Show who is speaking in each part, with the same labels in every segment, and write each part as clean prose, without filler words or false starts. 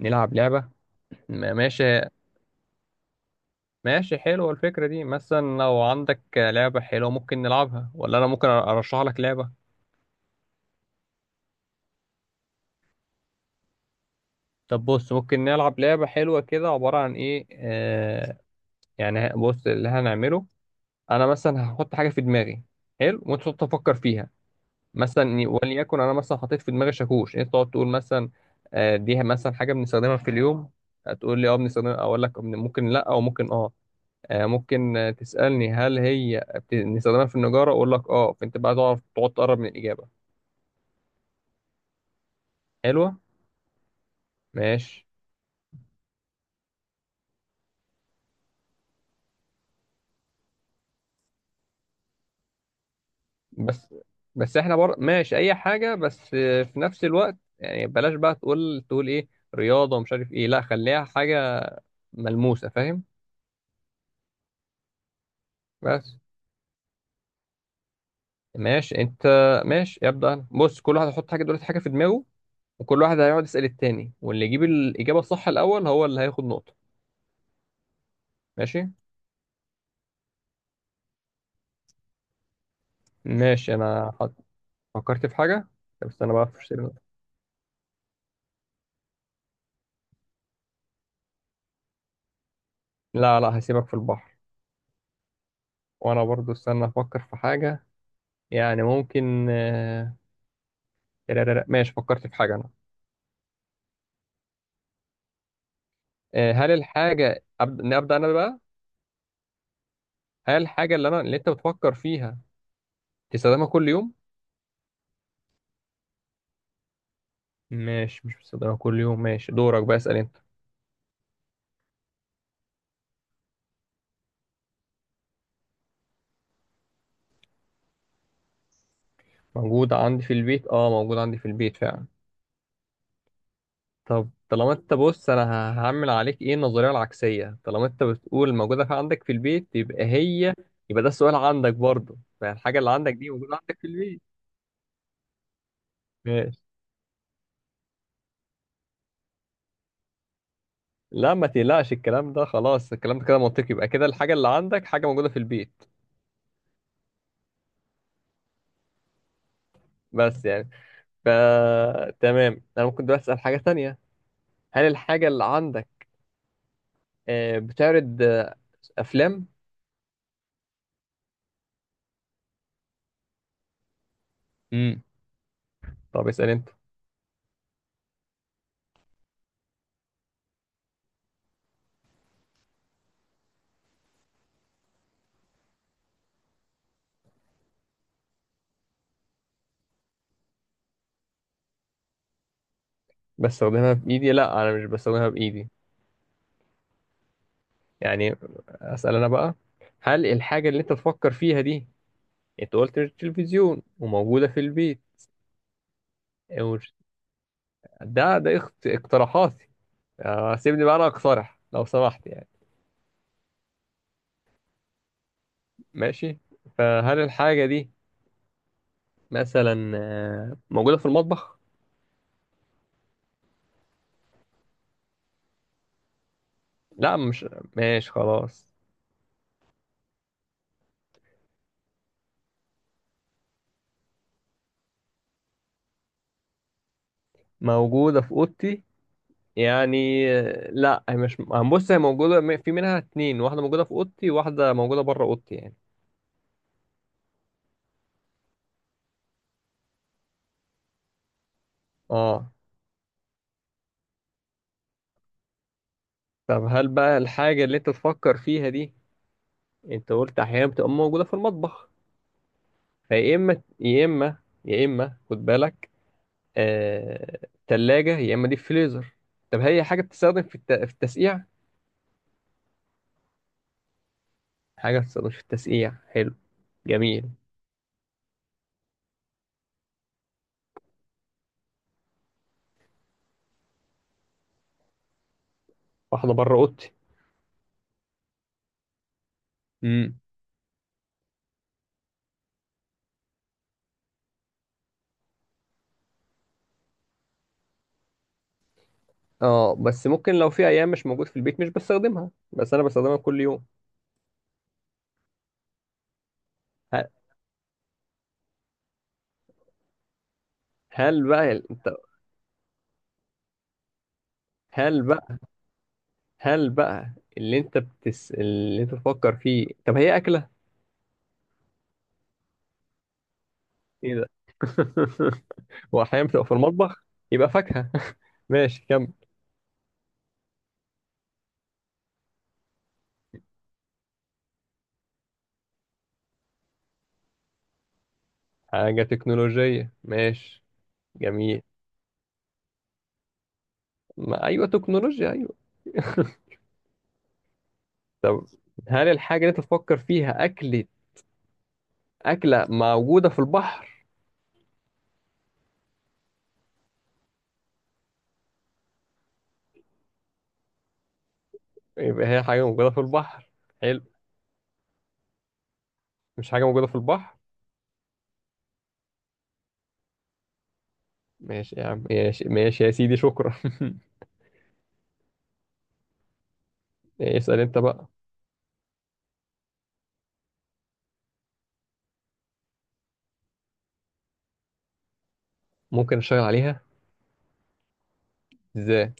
Speaker 1: نلعب لعبة. ماشي. ماشي، حلوة الفكرة دي. مثلا لو عندك لعبة حلوة ممكن نلعبها، ولا أنا ممكن أرشح لك لعبة؟ طب بص، ممكن نلعب لعبة حلوة كده عبارة عن إيه يعني بص اللي هنعمله. أنا مثلا هحط حاجة في دماغي، حلو، وأنت تقعد تفكر فيها. مثلا وليكن أنا مثلا حطيت في دماغي شاكوش، أنت تقعد تقول مثلا: دي مثلا حاجة بنستخدمها في اليوم؟ هتقول لي أه بنستخدمها، أقول لك ممكن لأ أو ممكن أه. ممكن تسألني هل هي بنستخدمها في النجارة؟ أقول لك أه، فأنت بقى تعرف تقعد تقرب من الإجابة. حلوة. ماشي. بس بس إحنا ماشي أي حاجة، بس في نفس الوقت يعني بلاش بقى تقول إيه، رياضة ومش عارف إيه. لا، خليها حاجة ملموسة، فاهم؟ بس. ماشي أنت. ماشي، يبدأ أنا. بص، كل واحد هيحط حاجة دلوقتي، حاجة في دماغه، وكل واحد هيقعد يسأل التاني، واللي يجيب الإجابة الصح الأول هو اللي هياخد نقطة. ماشي. ماشي أنا فكرت في حاجة. طب استنى بقى أفكر. لا لا، هسيبك في البحر. وانا برضو استنى افكر في حاجة. يعني ممكن لا، ماشي فكرت في حاجة انا. هل الحاجة ابدأ انا بقى. هل الحاجة اللي انت بتفكر فيها تستخدمها كل يوم؟ ماشي، مش بستخدمها كل يوم. ماشي، دورك بقى، اسأل انت. موجودة عندي في البيت، اه موجودة عندي في البيت فعلا. طب طالما انت بص، انا هعمل عليك ايه النظرية العكسية، طالما انت بتقول موجودة في عندك في البيت يبقى هي، يبقى ده السؤال عندك برضو، فالحاجة اللي عندك دي موجودة عندك في البيت. ماشي. لا ما تقلقش الكلام ده، خلاص الكلام ده كده منطقي، يبقى كده الحاجة اللي عندك حاجة موجودة في البيت. بس يعني ف، تمام أنا ممكن دلوقتي أسأل حاجة تانية. هل الحاجة اللي عندك بتعرض أفلام؟ امم طب اسأل أنت. بستخدمها بإيدي؟ لا أنا مش بستخدمها بإيدي. يعني، أسأل أنا بقى. هل الحاجة اللي أنت بتفكر فيها دي، أنت قلت مش تلفزيون وموجودة في البيت. وش- ده اقتراحاتي. سيبني بقى أنا أقترح لو سمحت يعني. ماشي. فهل الحاجة دي مثلا موجودة في المطبخ؟ لا مش، ماشي خلاص. موجودة في أوضتي، يعني لا هي مش هنبص، هي موجودة في منها اتنين، واحدة موجودة في أوضتي وواحدة موجودة بره أوضتي يعني. اه. طب هل بقى الحاجة اللي أنت تفكر فيها دي، أنت قلت أحيانا بتبقى موجودة في المطبخ، فيا إما يا إما، يا إما خد بالك آه... تلاجة يا إما دي فريزر. طب هي حاجة بتستخدم في التسقيع؟ حاجة بتستخدمش في التسقيع، حلو، جميل. واحدة بره أوضتي. امم. اه بس ممكن لو في أيام مش موجود في البيت مش بستخدمها، بس أنا بستخدمها كل يوم. ه- هل بقى أنت، هل بقى هل بقى اللي أنت اللي أنت تفكر فيه، طب هي أكلة؟ إيه ده؟ وأحيانا بتبقى في المطبخ، يبقى فاكهة. ماشي كم. حاجة تكنولوجية، ماشي، جميل. ما أيوة تكنولوجيا، أيوة. طب هل الحاجة اللي أنت تفكر فيها أكلة، أكلة موجودة في البحر؟ يبقى هي حاجة موجودة في البحر. حلو، مش حاجة موجودة في البحر. ماشي يا عم، ماشي ماشي يا سيدي، شكرا. اسأل انت بقى. ممكن اشتغل عليها. ازاي؟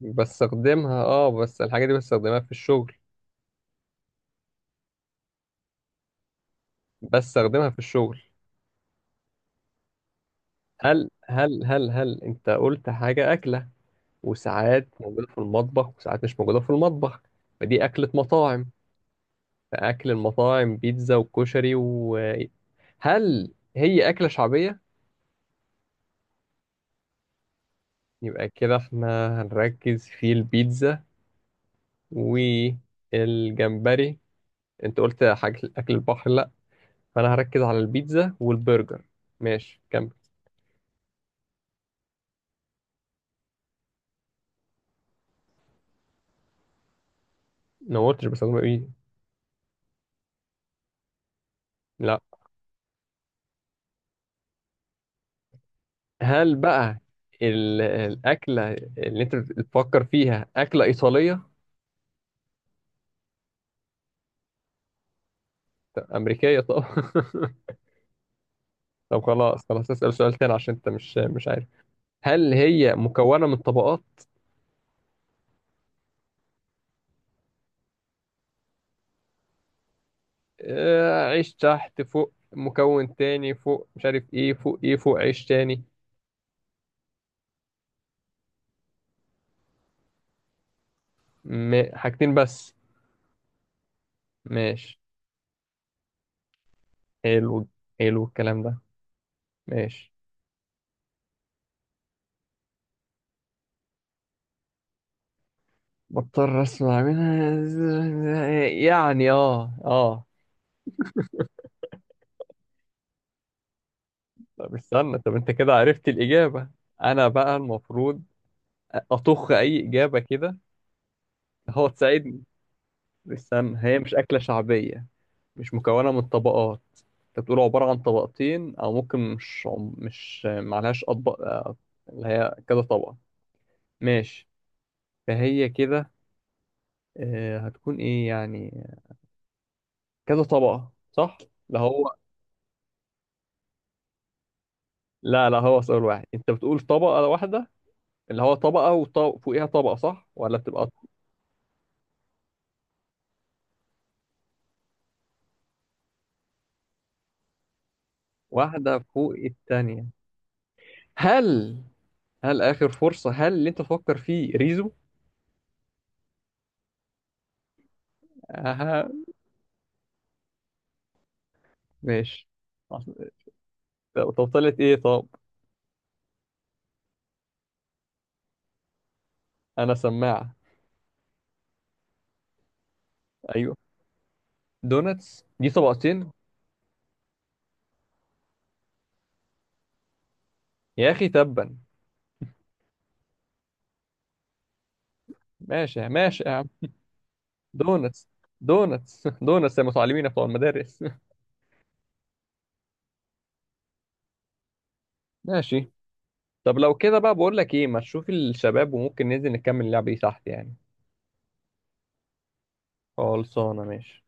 Speaker 1: بستخدمها اه، بس الحاجة دي بستخدمها في الشغل. بستخدمها في الشغل. هل انت قلت حاجة أكلة، وساعات موجودة في المطبخ وساعات مش موجودة في المطبخ، فدي أكلة مطاعم. فأكل المطاعم بيتزا وكشري و، هل هي أكلة شعبية؟ يبقى كده احنا هنركز في البيتزا والجمبري، انت قلت حاجة اكل البحر لا، فانا هركز على البيتزا والبرجر. ماشي كمل. أنا ما قلتش بستخدمها بايدي، لا. هل بقى الاكله اللي انت بتفكر فيها اكله ايطاليه؟ طب امريكيه؟ طب طب خلاص خلاص، اسال سؤال تاني عشان انت مش عارف. هل هي مكونه من طبقات؟ عيش تحت، فوق مكون تاني، فوق مش عارف ايه، فوق ايه فوق عيش تاني. حاجتين بس؟ ماشي، حلو، حلو الكلام ده، ماشي. بضطر اسمع منها؟ يعني اه اه. طب استنى، طب انت كده عرفت الإجابة، انا بقى المفروض اطخ اي إجابة كده هو تساعدني. استنى، هي مش أكلة شعبية، مش مكونة من طبقات، انت بتقول عبارة عن طبقتين او ممكن مش، مش معلهاش اطبق اللي هي كذا طبقة. ماشي. فهي كده هتكون ايه يعني، كذا طبقة صح؟ اللي هو، لا لا هو سؤال واحد. انت بتقول طبقة واحدة، اللي هو طبقة وفوقيها طبقة، صح ولا بتبقى واحدة فوق التانية؟ هل هل آخر فرصة، هل اللي انت تفكر فيه ريزو؟ اها. ماشي. طب طب طلعت ايه طب؟ انا سماعة. ايوه، دوناتس دي طبقتين. يا اخي تبا. ماشي ماشي يا عم. دوناتس. دوناتس دوناتس يا متعلمين بتوع المدارس. ماشي. طب لو كده بقى بقول لك ايه، ما تشوف الشباب وممكن ننزل نكمل اللعبة دي تحت يعني. خلصانة ماشي.